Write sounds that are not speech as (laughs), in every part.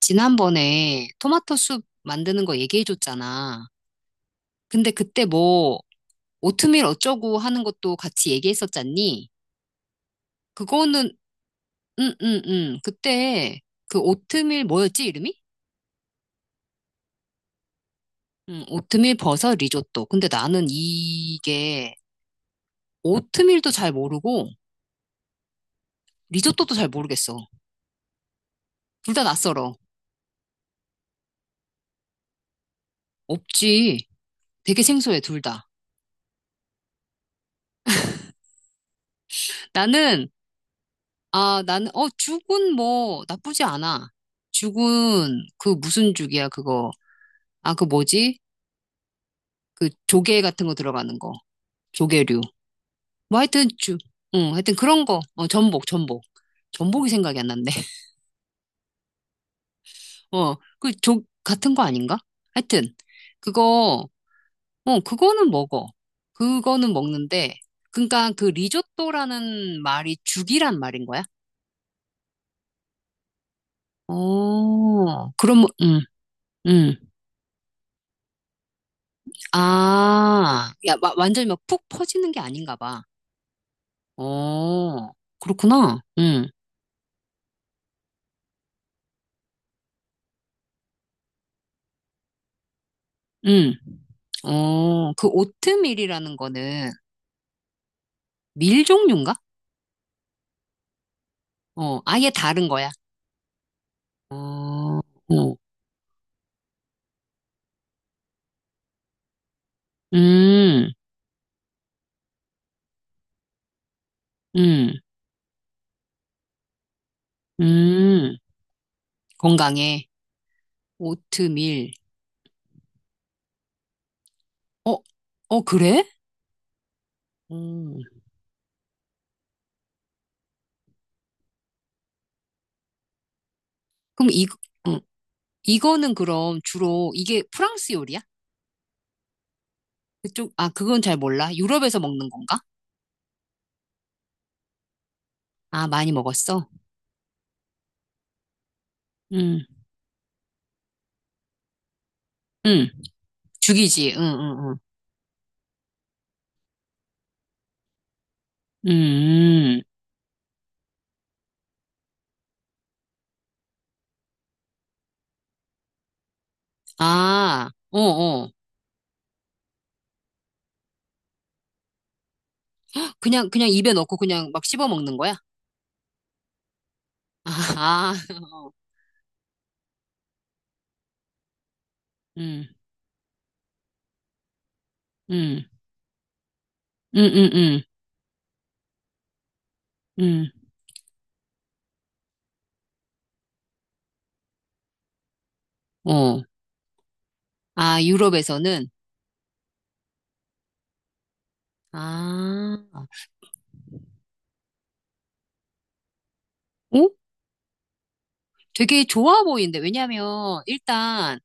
지난번에 토마토 soup 만드는 거 얘기해줬잖아. 근데 그때 뭐, 오트밀 어쩌고 하는 것도 같이 얘기했었잖니? 그거는, 응, 응, 응. 그때 그 오트밀 뭐였지, 이름이? 응, 오트밀 버섯 리조또. 근데 나는 이게 오트밀도 잘 모르고 리조또도 잘 모르겠어. 둘 다 낯설어. 없지. 되게 생소해, 둘 다. 나는, 나는, 어, 죽은 뭐, 나쁘지 않아. 죽은, 그 무슨 죽이야, 그거. 아, 그 뭐지? 그 조개 같은 거 들어가는 거. 조개류. 뭐 하여튼 응, 하여튼 그런 거. 어, 전복, 전복. 전복이 생각이 안 났네. (laughs) 어, 그 같은 거 아닌가? 하여튼, 그거, 어, 그거는 먹어. 그거는 먹는데, 그러니까 그 리조또라는 말이 죽이란 말인 거야? 어, 그럼, 응, 응. 아, 야, 완전히 막 푹 퍼지는 게 아닌가 봐. 어, 그렇구나. 응. 응. 어, 그 오트밀이라는 거는 밀 종류인가? 어, 아예 다른 거야. 어, 어. 음, 음, 음. 건강에 오트밀. 어, 어, 그래? 음. 그럼 이, 어, 이거는 그럼 주로 이게 프랑스 요리야? 아, 그건 잘 몰라. 유럽에서 먹는 건가? 아, 많이 먹었어. 음, 음. 죽이지. 응, 응, 응. 음. 아, 어, 어. 그냥 입에 넣고 그냥 막 씹어 먹는 거야? 아, 아, (laughs) 어. 음, 음, 음, 음, 음, 어. 아, 유럽에서는? 아, 어? 되게 좋아 보이는데. 왜냐면, 일단,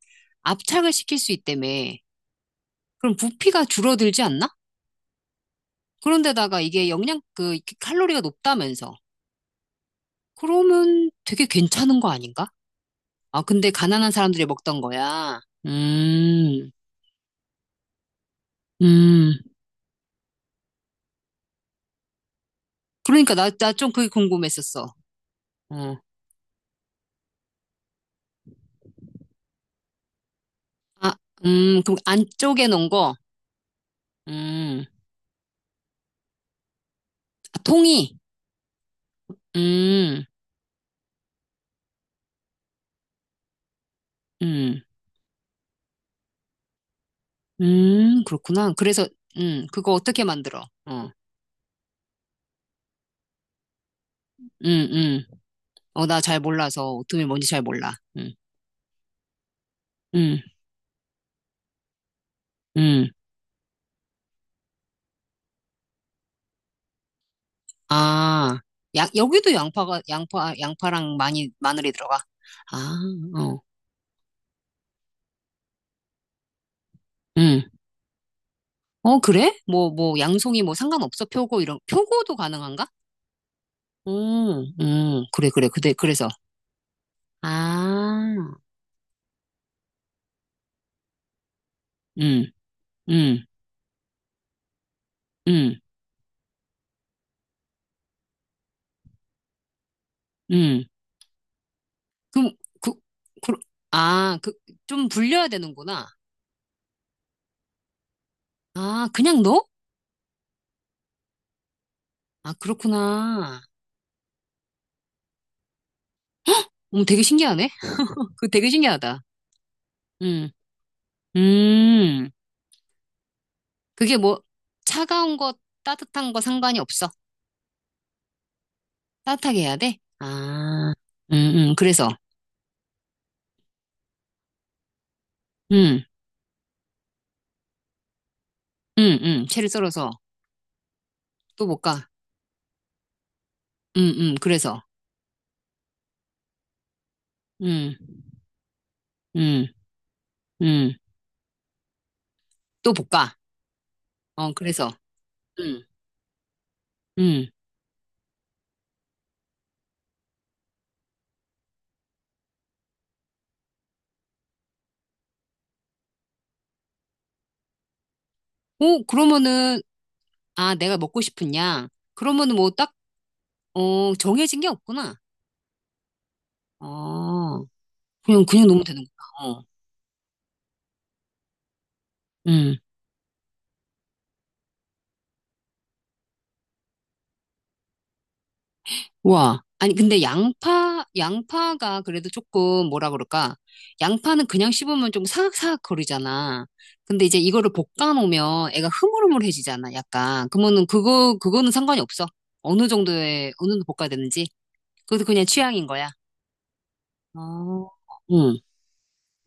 압착을 시킬 수 있다며. 그럼 부피가 줄어들지 않나? 그런데다가 이게 칼로리가 높다면서. 그러면 되게 괜찮은 거 아닌가? 아, 근데 가난한 사람들이 먹던 거야. 음, 음. 그러니까 나 좀 그게 궁금했었어. 어. 아, 그럼 안쪽에 놓은 거, 음, 아, 통이, 음, 음, 그렇구나. 그래서, 그거 어떻게 만들어? 어, 음, 음, 어, 나 잘 몰라서 오트밀 뭔지 잘 몰라. 음, 음, 아, 야, 여기도 양파랑 많이, 마늘이 들어가. 아, 어, 음, 어, 그래? 양송이 뭐 상관없어? 표고도 가능한가? 그래, 그래, 그래, 그래서, 아, 음, 음. 응, 응. 그럼, 그, 그, 아, 그, 좀 불려야 되는구나. 아, 그냥 넣어? 아, 그렇구나. 되게 신기하네. (laughs) 그 되게 신기하다. 음 음. 그게 뭐, 차가운 거, 따뜻한 거 상관이 없어. 따뜻하게 해야 돼? 아, 응, 응. 그래서, 응, 응, 응. 채를 썰어서 또 볶아. 응, 응. 그래서, 응, 응, 응. 또 볶아. 어, 그래서, 응, 응. 오, 그러면은, 아, 내가 먹고 싶은 양. 그러면은 뭐 딱, 어, 정해진 게 없구나. 어, 그냥 넣으면 되는구나. 어, 음, 와. 아니, 근데 양파가 그래도 조금 뭐라 그럴까. 양파는 그냥 씹으면 좀 사각사각 거리잖아. 근데 이제 이거를 볶아 놓으면 애가 흐물흐물해지잖아, 약간. 그러면은 그거는 상관이 없어. 어느 정도 볶아야 되는지. 그것도 그냥 취향인 거야. 어, 응,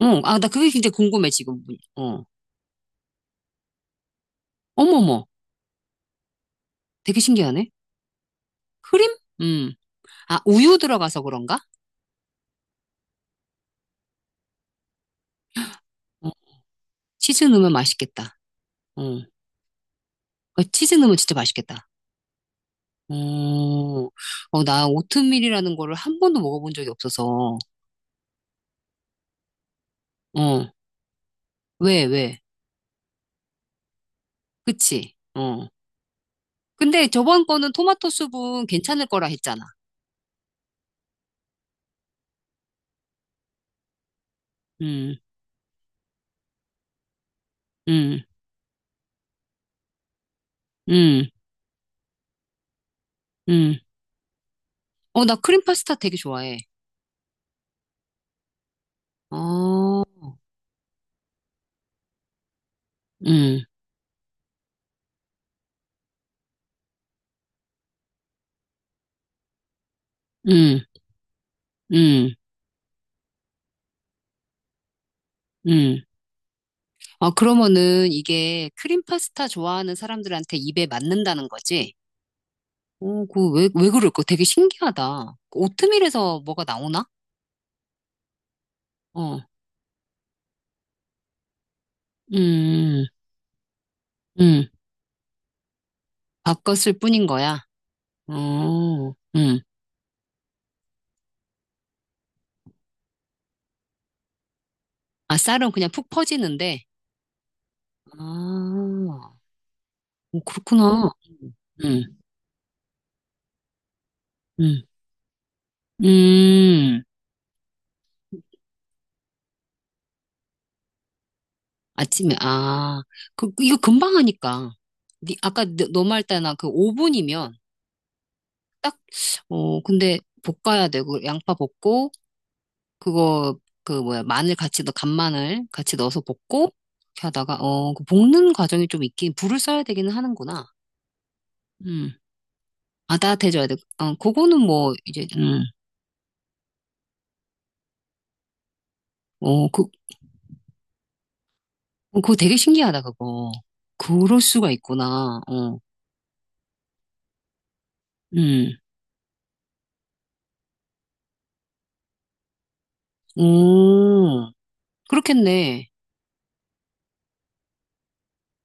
응. 아, 나 그게 진짜 궁금해, 지금. 어. 어머머. 되게 신기하네. 크림? 음. 아, 우유 들어가서 그런가? 어, 치즈 넣으면 맛있겠다. 어. 어, 치즈 넣으면 진짜 맛있겠다. 어, 어, 나 오트밀이라는 거를 한 번도 먹어본 적이 없어서. 어, 왜, 왜? 그치? 어. 근데 저번 거는 토마토 수분 괜찮을 거라 했잖아. 음, 음, 음, 음. 어, 나 크림 파스타 되게 좋아해. 어, 음, 음, 음, 음. 아, 그러면은 이게 크림 파스타 좋아하는 사람들한테 입에 맞는다는 거지? 어, 왜, 왜 그럴까? 되게 신기하다. 그 오트밀에서 뭐가 나오나? 어, 음, 음, 음. 바꿨을 뿐인 거야. 어, 음. 아, 쌀은 그냥 푹 퍼지는데. 아, 어, 그렇구나. 음, 음, 음. 아침에, 그 이거 금방 하니까. 아까 너 말 때나 그 5분이면 딱, 어, 근데 볶아야 되고, 양파 볶고, 그거 그 뭐야 마늘 같이 넣 간마늘 같이 넣어서 볶고 이렇게 하다가 어그 볶는 과정이 좀 있긴 불을 써야 되기는 하는구나. 음. 아 따뜻해져야 돼. 어 그거는 뭐 이제 어그 그거 되게 신기하다 그거. 그럴 수가 있구나. 어. 음. 오. 그렇겠네.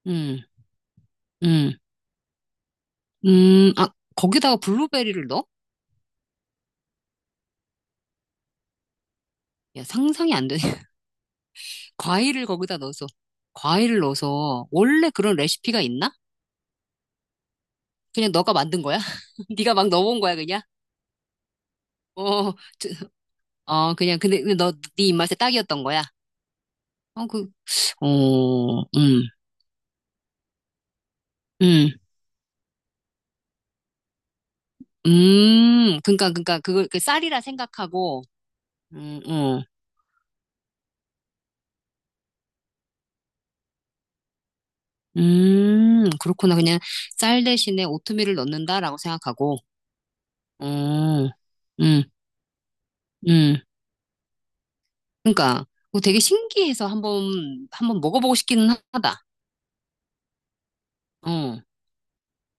음. 음. 음. 아 거기다가 블루베리를 넣어? 야 상상이 안 되네. (laughs) 과일을 거기다 넣어서 과일을 넣어서 원래 그런 레시피가 있나? 그냥 너가 만든 거야? (laughs) 네가 막 넣어본 거야, 그냥? 어, 저- 어, 그냥, 근데 네 입맛에 딱이었던 거야? 어, 어, 음, 음, 그니까, 그 쌀이라 생각하고, 어, 그렇구나. 그냥 쌀 대신에 오트밀을 넣는다라고 생각하고, 어, 음, 음, 그니까, 뭐 되게 신기해서 한번, 한번 먹어보고 싶기는 하다. 어.